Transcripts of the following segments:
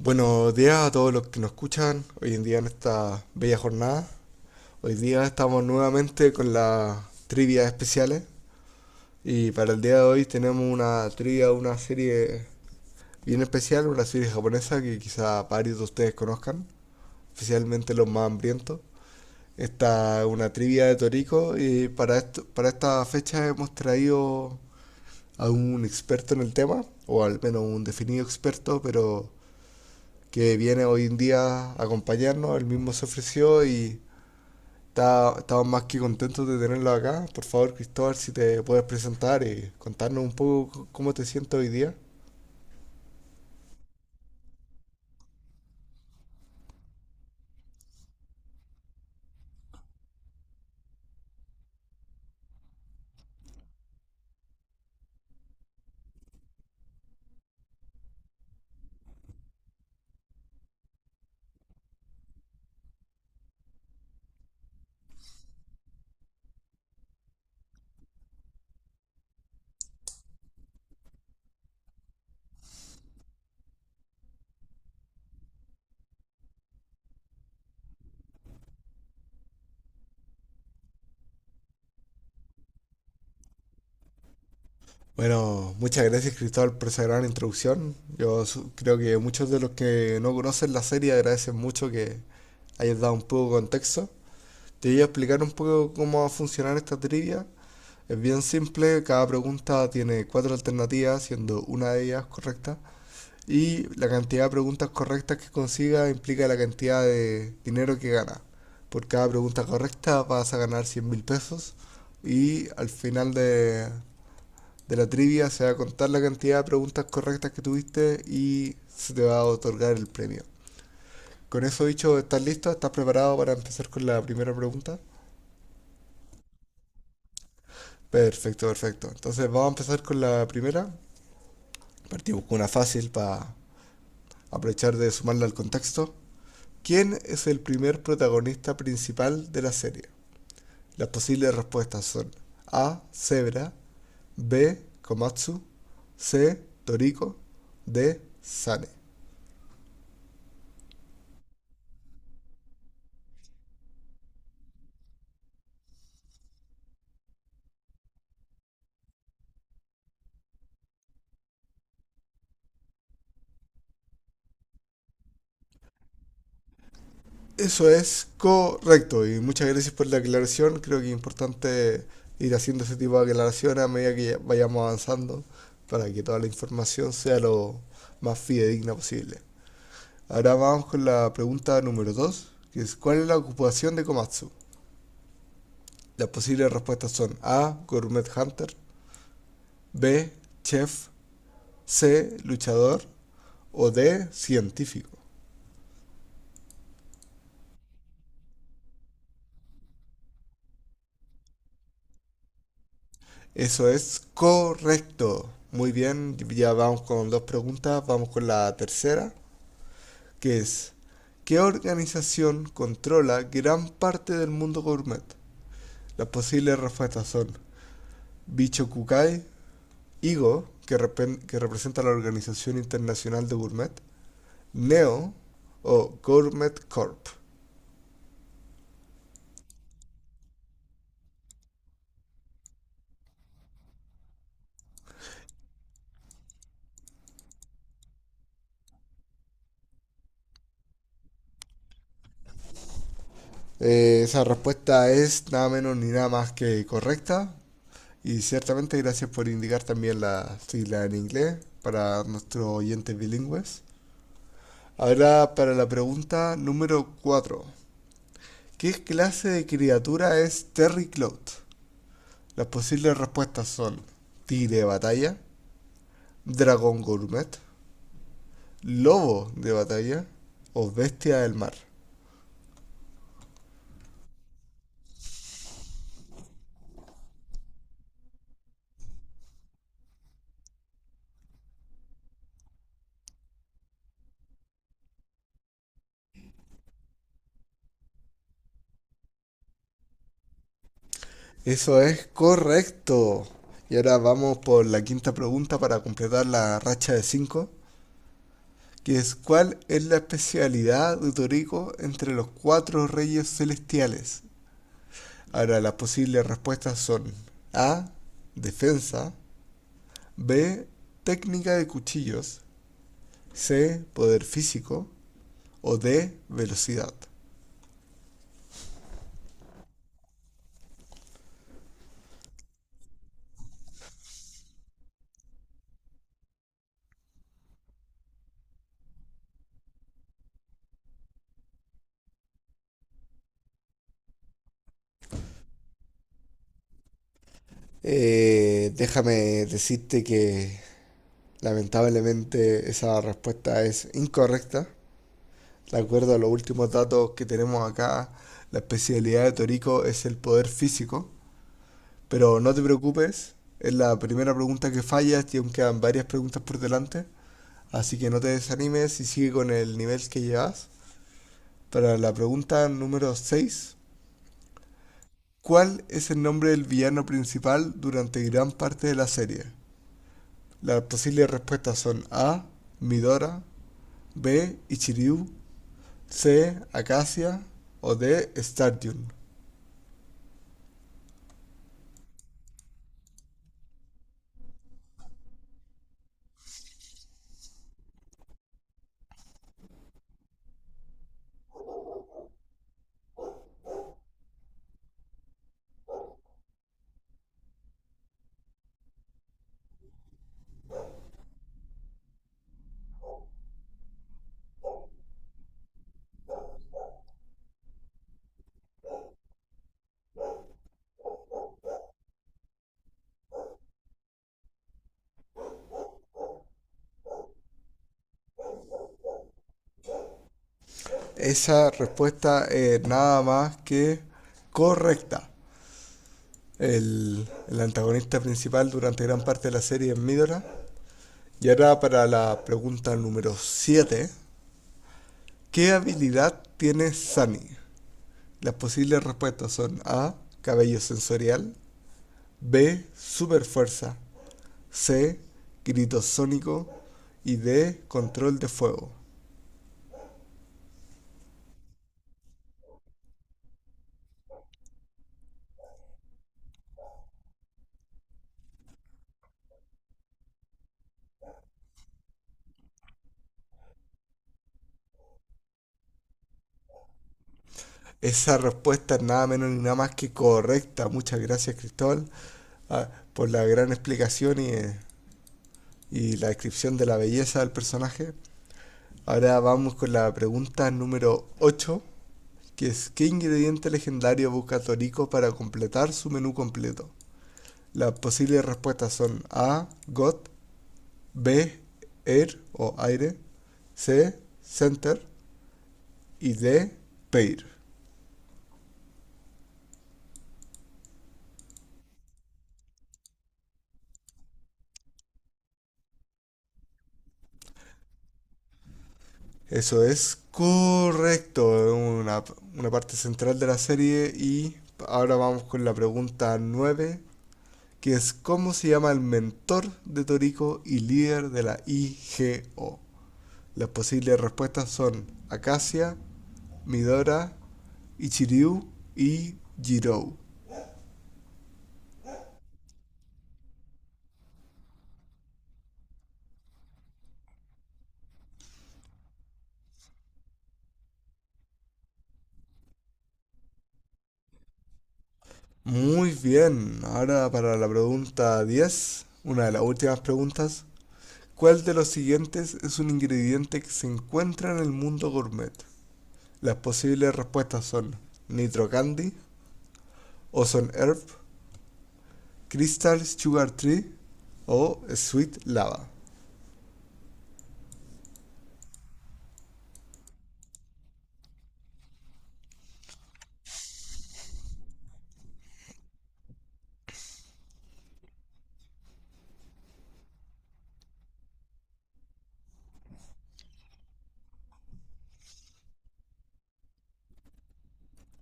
Buenos días a todos los que nos escuchan hoy en día en esta bella jornada. Hoy día estamos nuevamente con las trivias especiales y para el día de hoy tenemos una trivia, una serie bien especial, una serie japonesa que quizá varios de ustedes conozcan, especialmente los más hambrientos. Esta es una trivia de Toriko y para esta fecha hemos traído a un experto en el tema, o al menos un definido experto, pero que viene hoy en día a acompañarnos, él mismo se ofreció y estamos más que contentos de tenerlo acá. Por favor, Cristóbal, si te puedes presentar y contarnos un poco cómo te sientes hoy día. Bueno, muchas gracias Cristóbal por esa gran introducción. Yo creo que muchos de los que no conocen la serie agradecen mucho que hayas dado un poco de contexto. Te voy a explicar un poco cómo va a funcionar esta trivia. Es bien simple, cada pregunta tiene cuatro alternativas, siendo una de ellas correcta. Y la cantidad de preguntas correctas que consiga implica la cantidad de dinero que gana. Por cada pregunta correcta vas a ganar 100.000 pesos y al final de la trivia se va a contar la cantidad de preguntas correctas que tuviste y se te va a otorgar el premio. Con eso dicho, ¿estás listo? ¿Estás preparado para empezar con la primera pregunta? Perfecto, perfecto. Entonces vamos a empezar con la primera. Partimos con una fácil para aprovechar de sumarla al contexto. ¿Quién es el primer protagonista principal de la serie? Las posibles respuestas son A. Zebra. B. Komatsu. C. Toriko. D. Sane. Eso es correcto y muchas gracias por la aclaración. Creo que es importante ir haciendo ese tipo de aclaraciones a medida que vayamos avanzando para que toda la información sea lo más fidedigna posible. Ahora vamos con la pregunta número 2, que es ¿cuál es la ocupación de Komatsu? Las posibles respuestas son A. Gourmet Hunter. B. Chef. C. Luchador. O D. Científico. Eso es correcto. Muy bien, ya vamos con dos preguntas. Vamos con la tercera, que es, ¿qué organización controla gran parte del mundo gourmet? Las posibles respuestas son Bicho Kukai, Igo, que, que representa la Organización Internacional de Gourmet, Neo o Gourmet Corp. Esa respuesta es nada menos ni nada más que correcta. Y ciertamente gracias por indicar también la sigla en inglés para nuestros oyentes bilingües. Ahora para la pregunta número cuatro, ¿qué clase de criatura es Terry Cloud? Las posibles respuestas son tigre de batalla, dragón gourmet, lobo de batalla o bestia del mar. Eso es correcto. Y ahora vamos por la quinta pregunta para completar la racha de cinco, que es ¿cuál es la especialidad de Toriko entre los cuatro reyes celestiales? Ahora las posibles respuestas son A, defensa, B, técnica de cuchillos, C, poder físico o D, velocidad. Déjame decirte que lamentablemente esa respuesta es incorrecta. De acuerdo a los últimos datos que tenemos acá, la especialidad de Torico es el poder físico. Pero no te preocupes, es la primera pregunta que fallas y aún quedan varias preguntas por delante. Así que no te desanimes y sigue con el nivel que llevas. Para la pregunta número 6, ¿cuál es el nombre del villano principal durante gran parte de la serie? Las posibles respuestas son A, Midora, B, Ichiryu, C, Acacia o D, Stardune. Esa respuesta es nada más que correcta. El antagonista principal durante gran parte de la serie es Midora. Y ahora para la pregunta número siete, ¿qué habilidad tiene Sunny? Las posibles respuestas son A. Cabello sensorial. B. Super fuerza. C. Grito sónico. Y D. Control de fuego. Esa respuesta es nada menos ni nada más que correcta. Muchas gracias, Cristóbal, ah, por la gran explicación y la descripción de la belleza del personaje. Ahora vamos con la pregunta número 8, que es ¿qué ingrediente legendario busca Toriko para completar su menú completo? Las posibles respuestas son A, God, B, Air o aire, C, Center y D, Pair. Eso es correcto, una parte central de la serie, y ahora vamos con la pregunta nueve, que es cómo se llama el mentor de Toriko y líder de la IGO. Las posibles respuestas son Acacia, Midora, Ichiryu y Jirou. Muy bien, ahora para la pregunta 10, una de las últimas preguntas. ¿Cuál de los siguientes es un ingrediente que se encuentra en el mundo gourmet? Las posibles respuestas son Nitro Candy, Ozone Herb, Crystal Sugar Tree o Sweet Lava.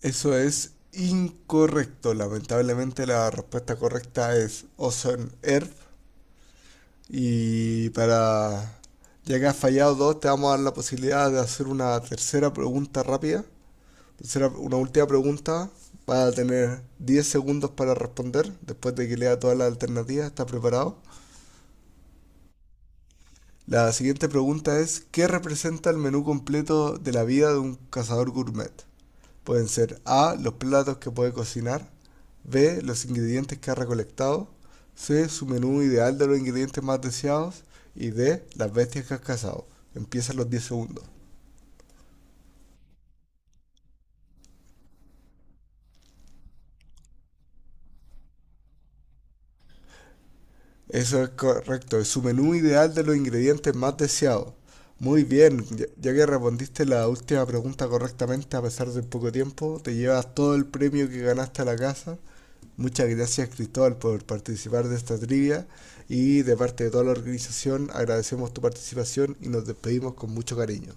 Eso es incorrecto. Lamentablemente la respuesta correcta es Ocean Earth. Y para... Ya que has fallado dos, te vamos a dar la posibilidad de hacer una tercera pregunta rápida. Una última pregunta. Vas a tener 10 segundos para responder después de que lea todas las alternativas. ¿Estás preparado? La siguiente pregunta es, ¿qué representa el menú completo de la vida de un cazador gourmet? Pueden ser A, los platos que puede cocinar, B, los ingredientes que ha recolectado, C, su menú ideal de los ingredientes más deseados y D, las bestias que has cazado. Empiezan los 10 segundos. Eso es correcto, es su menú ideal de los ingredientes más deseados. Muy bien, ya que respondiste la última pregunta correctamente a pesar del poco tiempo, te llevas todo el premio que ganaste a la casa. Muchas gracias Cristóbal por participar de esta trivia y de parte de toda la organización agradecemos tu participación y nos despedimos con mucho cariño.